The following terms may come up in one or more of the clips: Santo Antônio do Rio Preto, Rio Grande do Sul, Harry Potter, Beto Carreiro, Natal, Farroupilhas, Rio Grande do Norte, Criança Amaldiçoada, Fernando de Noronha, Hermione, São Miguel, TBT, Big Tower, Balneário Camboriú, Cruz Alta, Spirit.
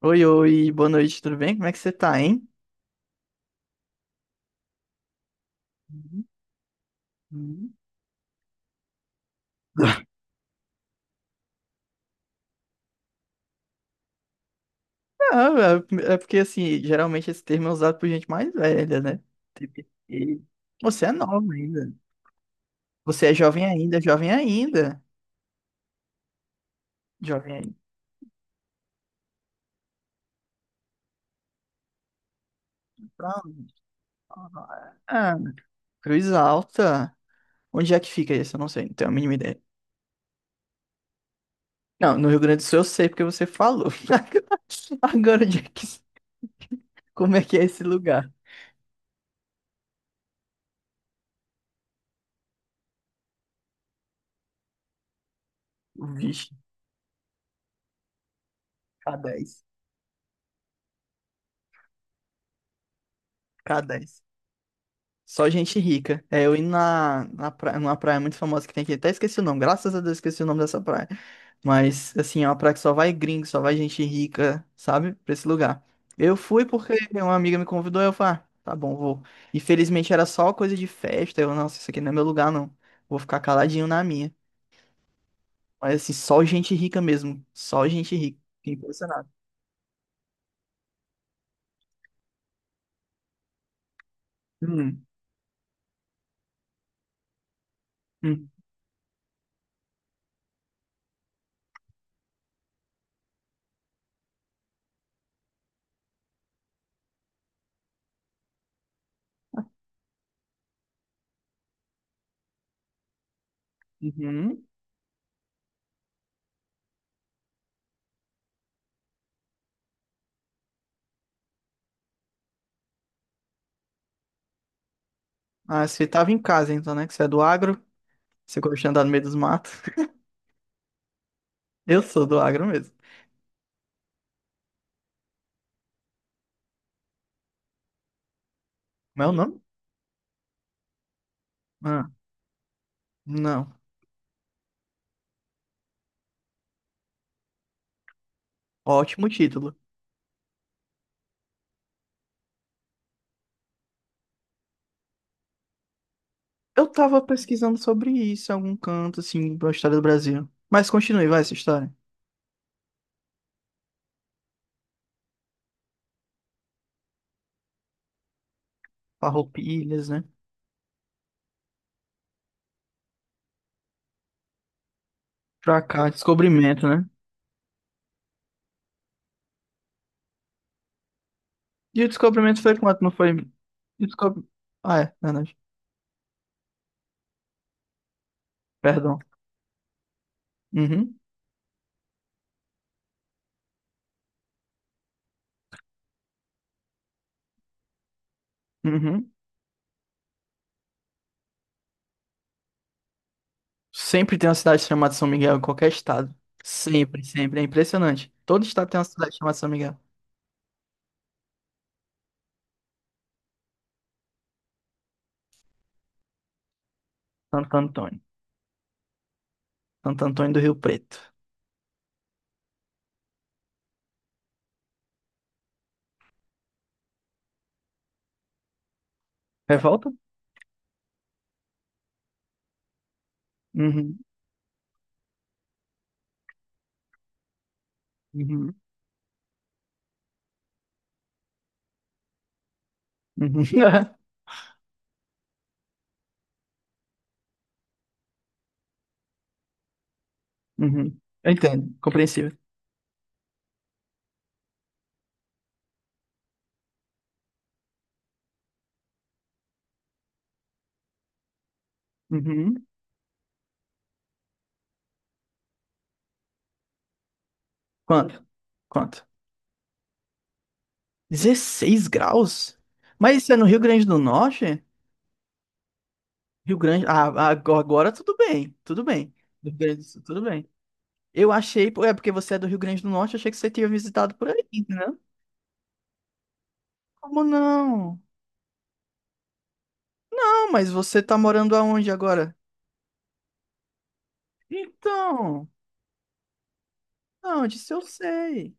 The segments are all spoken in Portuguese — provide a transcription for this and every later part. Oi, oi, boa noite, tudo bem? Como é que você tá, hein? Uhum, uhum. Ah, é porque, assim, geralmente esse termo é usado por gente mais velha, né? TBT. Você é nova ainda. Você é jovem ainda, jovem ainda. Jovem ainda. Pronto. Ah, Cruz Alta. Onde é que fica isso? Eu não sei, não tenho a mínima ideia. Não, no Rio Grande do Sul eu sei porque você falou. Agora, onde é que... Como é que é esse lugar? Vixe, k dez, k dez. Só gente rica. É, eu indo na praia, numa praia muito famosa que tem aqui. Até esqueci o nome. Graças a Deus esqueci o nome dessa praia. Mas, assim, é uma praia que só vai gringo, só vai gente rica, sabe? Pra esse lugar. Eu fui porque uma amiga me convidou, eu falei, ah, tá bom, vou. Infelizmente era só coisa de festa. Eu, nossa, isso aqui não é meu lugar, não. Vou ficar caladinho na minha. Mas, assim, só gente rica mesmo. Só gente rica. Fiquei impressionado. Hum, hum, uhum. Ah, você tava em casa, então, né? Que você é do agro. Você gosta de andar no meio dos matos. Eu sou do agro mesmo. Como é o nome? Ah, não. Ótimo título. Eu tava pesquisando sobre isso em algum canto, assim, da história do Brasil. Mas continue, vai, essa história. Farroupilhas, né? Pra cá, descobrimento, né? E o descobrimento foi quanto? Não foi... E o Descob... Ah, é, verdade. Perdão. Uhum, uhum. Sempre tem uma cidade chamada São Miguel em qualquer estado. Sempre, sempre. É impressionante. Todo estado tem uma cidade chamada São Miguel. Santo Antônio. Santo Antônio do Rio Preto. Revolta? Uhum. Uhum. Uhum. Uhum. Eu entendo, compreensível. Uhum. Quanto? Quanto? 16 graus? Mas isso é no Rio Grande do Norte? Rio Grande. Ah, ah, agora tudo bem, tudo bem. Do Rio Grande do Sul, tudo bem. Eu achei, pô, é porque você é do Rio Grande do Norte, eu achei que você tinha visitado por aí, entendeu? Como não? Não, mas você tá morando aonde agora? Então, não, disso eu sei.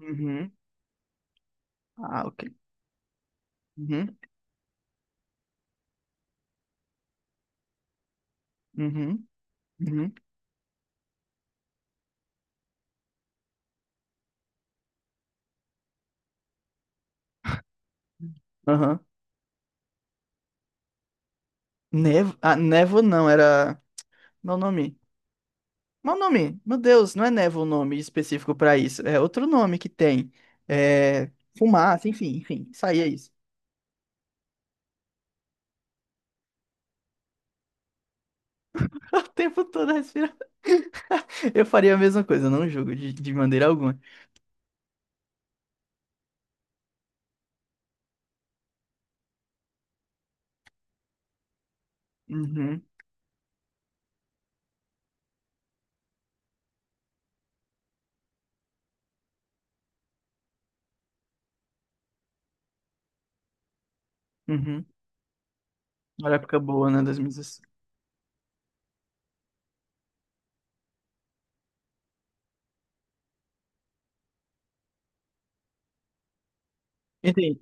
Uhum. Ah, ok. Uhum. Uhum. Uhum. Aham. Nevo, ah, névoa não, era. Meu nome. Meu nome. Meu Deus, não é névoa o nome específico pra isso. É outro nome que tem. É. Fumaça, enfim, enfim. Isso aí é isso. O tempo todo respirando. Eu faria a mesma coisa, eu não julgo de maneira alguma. Uhum, uhum. Uma época boa, né? 2016. Entendi.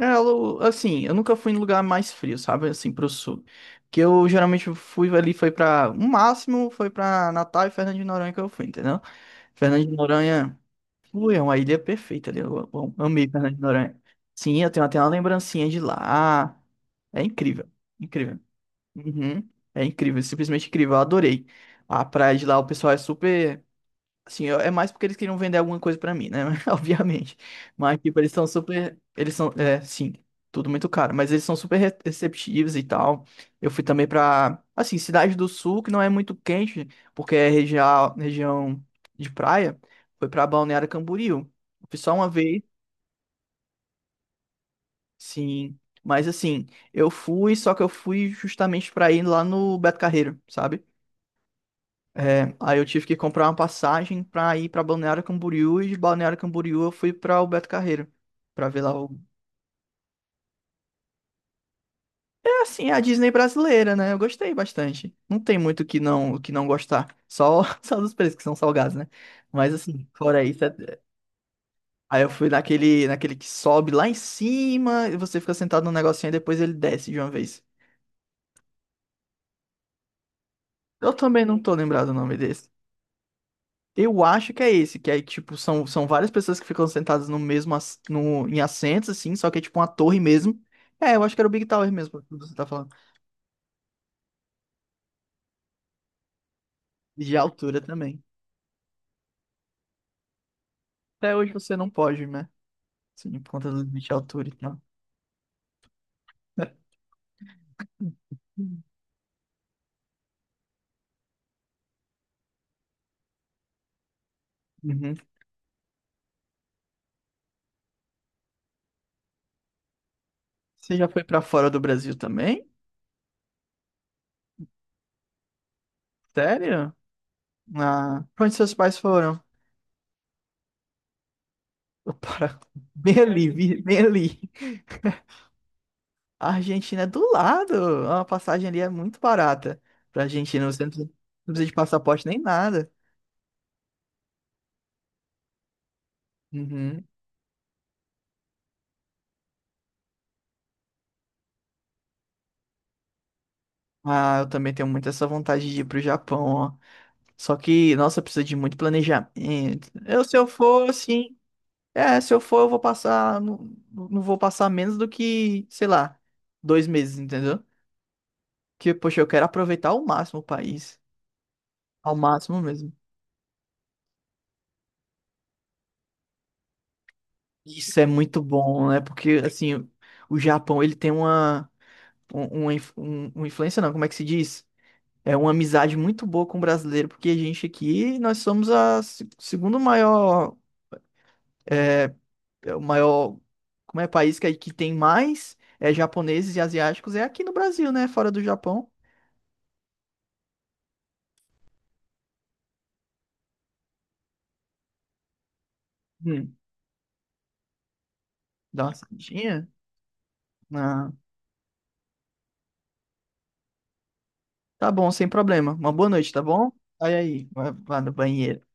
É, eu- assim, eu nunca fui em lugar mais frio, sabe? Assim, pro sul. Que eu geralmente fui ali, foi pra. O máximo foi pra Natal e Fernando de Noronha que eu fui, entendeu? Fernando de Noronha. Ui, é uma ilha perfeita ali. Eu amei Fernando de Noronha. Sim, eu tenho até uma lembrancinha de lá. É incrível. Incrível. Uhum. É incrível, simplesmente incrível. Eu adorei. A praia de lá, o pessoal é super. Assim, eu- é mais porque eles queriam vender alguma coisa pra mim, né? Obviamente. Mas, tipo, eles são super. Eles são. É, sim, tudo muito caro. Mas eles são super receptivos e tal. Eu fui também pra. Assim, Cidade do Sul, que não é muito quente, porque é região, região de praia. Foi pra Balneário Camboriú. Fui só uma vez, sim. Mas, assim, eu fui, só que eu fui justamente pra ir lá no Beto Carreiro, sabe? É, aí eu tive que comprar uma passagem pra ir pra Balneário Camboriú e de Balneário Camboriú eu fui pra Alberto Carreiro. Pra ver lá o. É assim, é a Disney brasileira, né? Eu gostei bastante. Não tem muito o que não gostar, só só dos preços que são salgados, né? Mas assim, fora isso, é- aí eu fui naquele que sobe lá em cima e você fica sentado num negocinho e depois ele desce de uma vez. Eu também não tô lembrado o nome desse. Eu acho que é esse, que aí, tipo, são várias pessoas que ficam sentadas no mesmo, ass- no, em assentos, assim, só que é tipo uma torre mesmo. É, eu acho que era o Big Tower mesmo, que você tá falando. De altura também. Até hoje você não pode, né? Sim, por conta do limite de altura e tal. Uhum. Você já foi pra fora do Brasil também? Sério? Ah, pra onde seus pais foram? Para... Bem ali, bem ali. A Argentina é do lado. Uma passagem ali é muito barata pra Argentina. Você não precisa não precisa de passaporte nem nada. Uhum. Ah, eu também tenho muito essa vontade de ir pro Japão, ó. Só que, nossa, precisa de muito planejamento. Eu, se eu for, assim. É, se eu for, eu vou passar. Não, não vou passar menos do que, sei lá, 2 meses, entendeu? Que, poxa, eu quero aproveitar ao máximo o país. Ao máximo mesmo. Isso é muito bom, né? Porque, assim, o Japão, ele tem uma. Um, uma influência não, como é que se diz? É uma amizade muito boa com o brasileiro, porque a gente aqui, nós somos a segundo maior, é o maior, como é, país que tem mais é, japoneses e asiáticos, é aqui no Brasil, né? Fora do Japão. Hum, dá uma saidinha. Ah, tá bom, sem problema. Uma boa noite, tá bom? Vai aí, vai, vai no banheiro.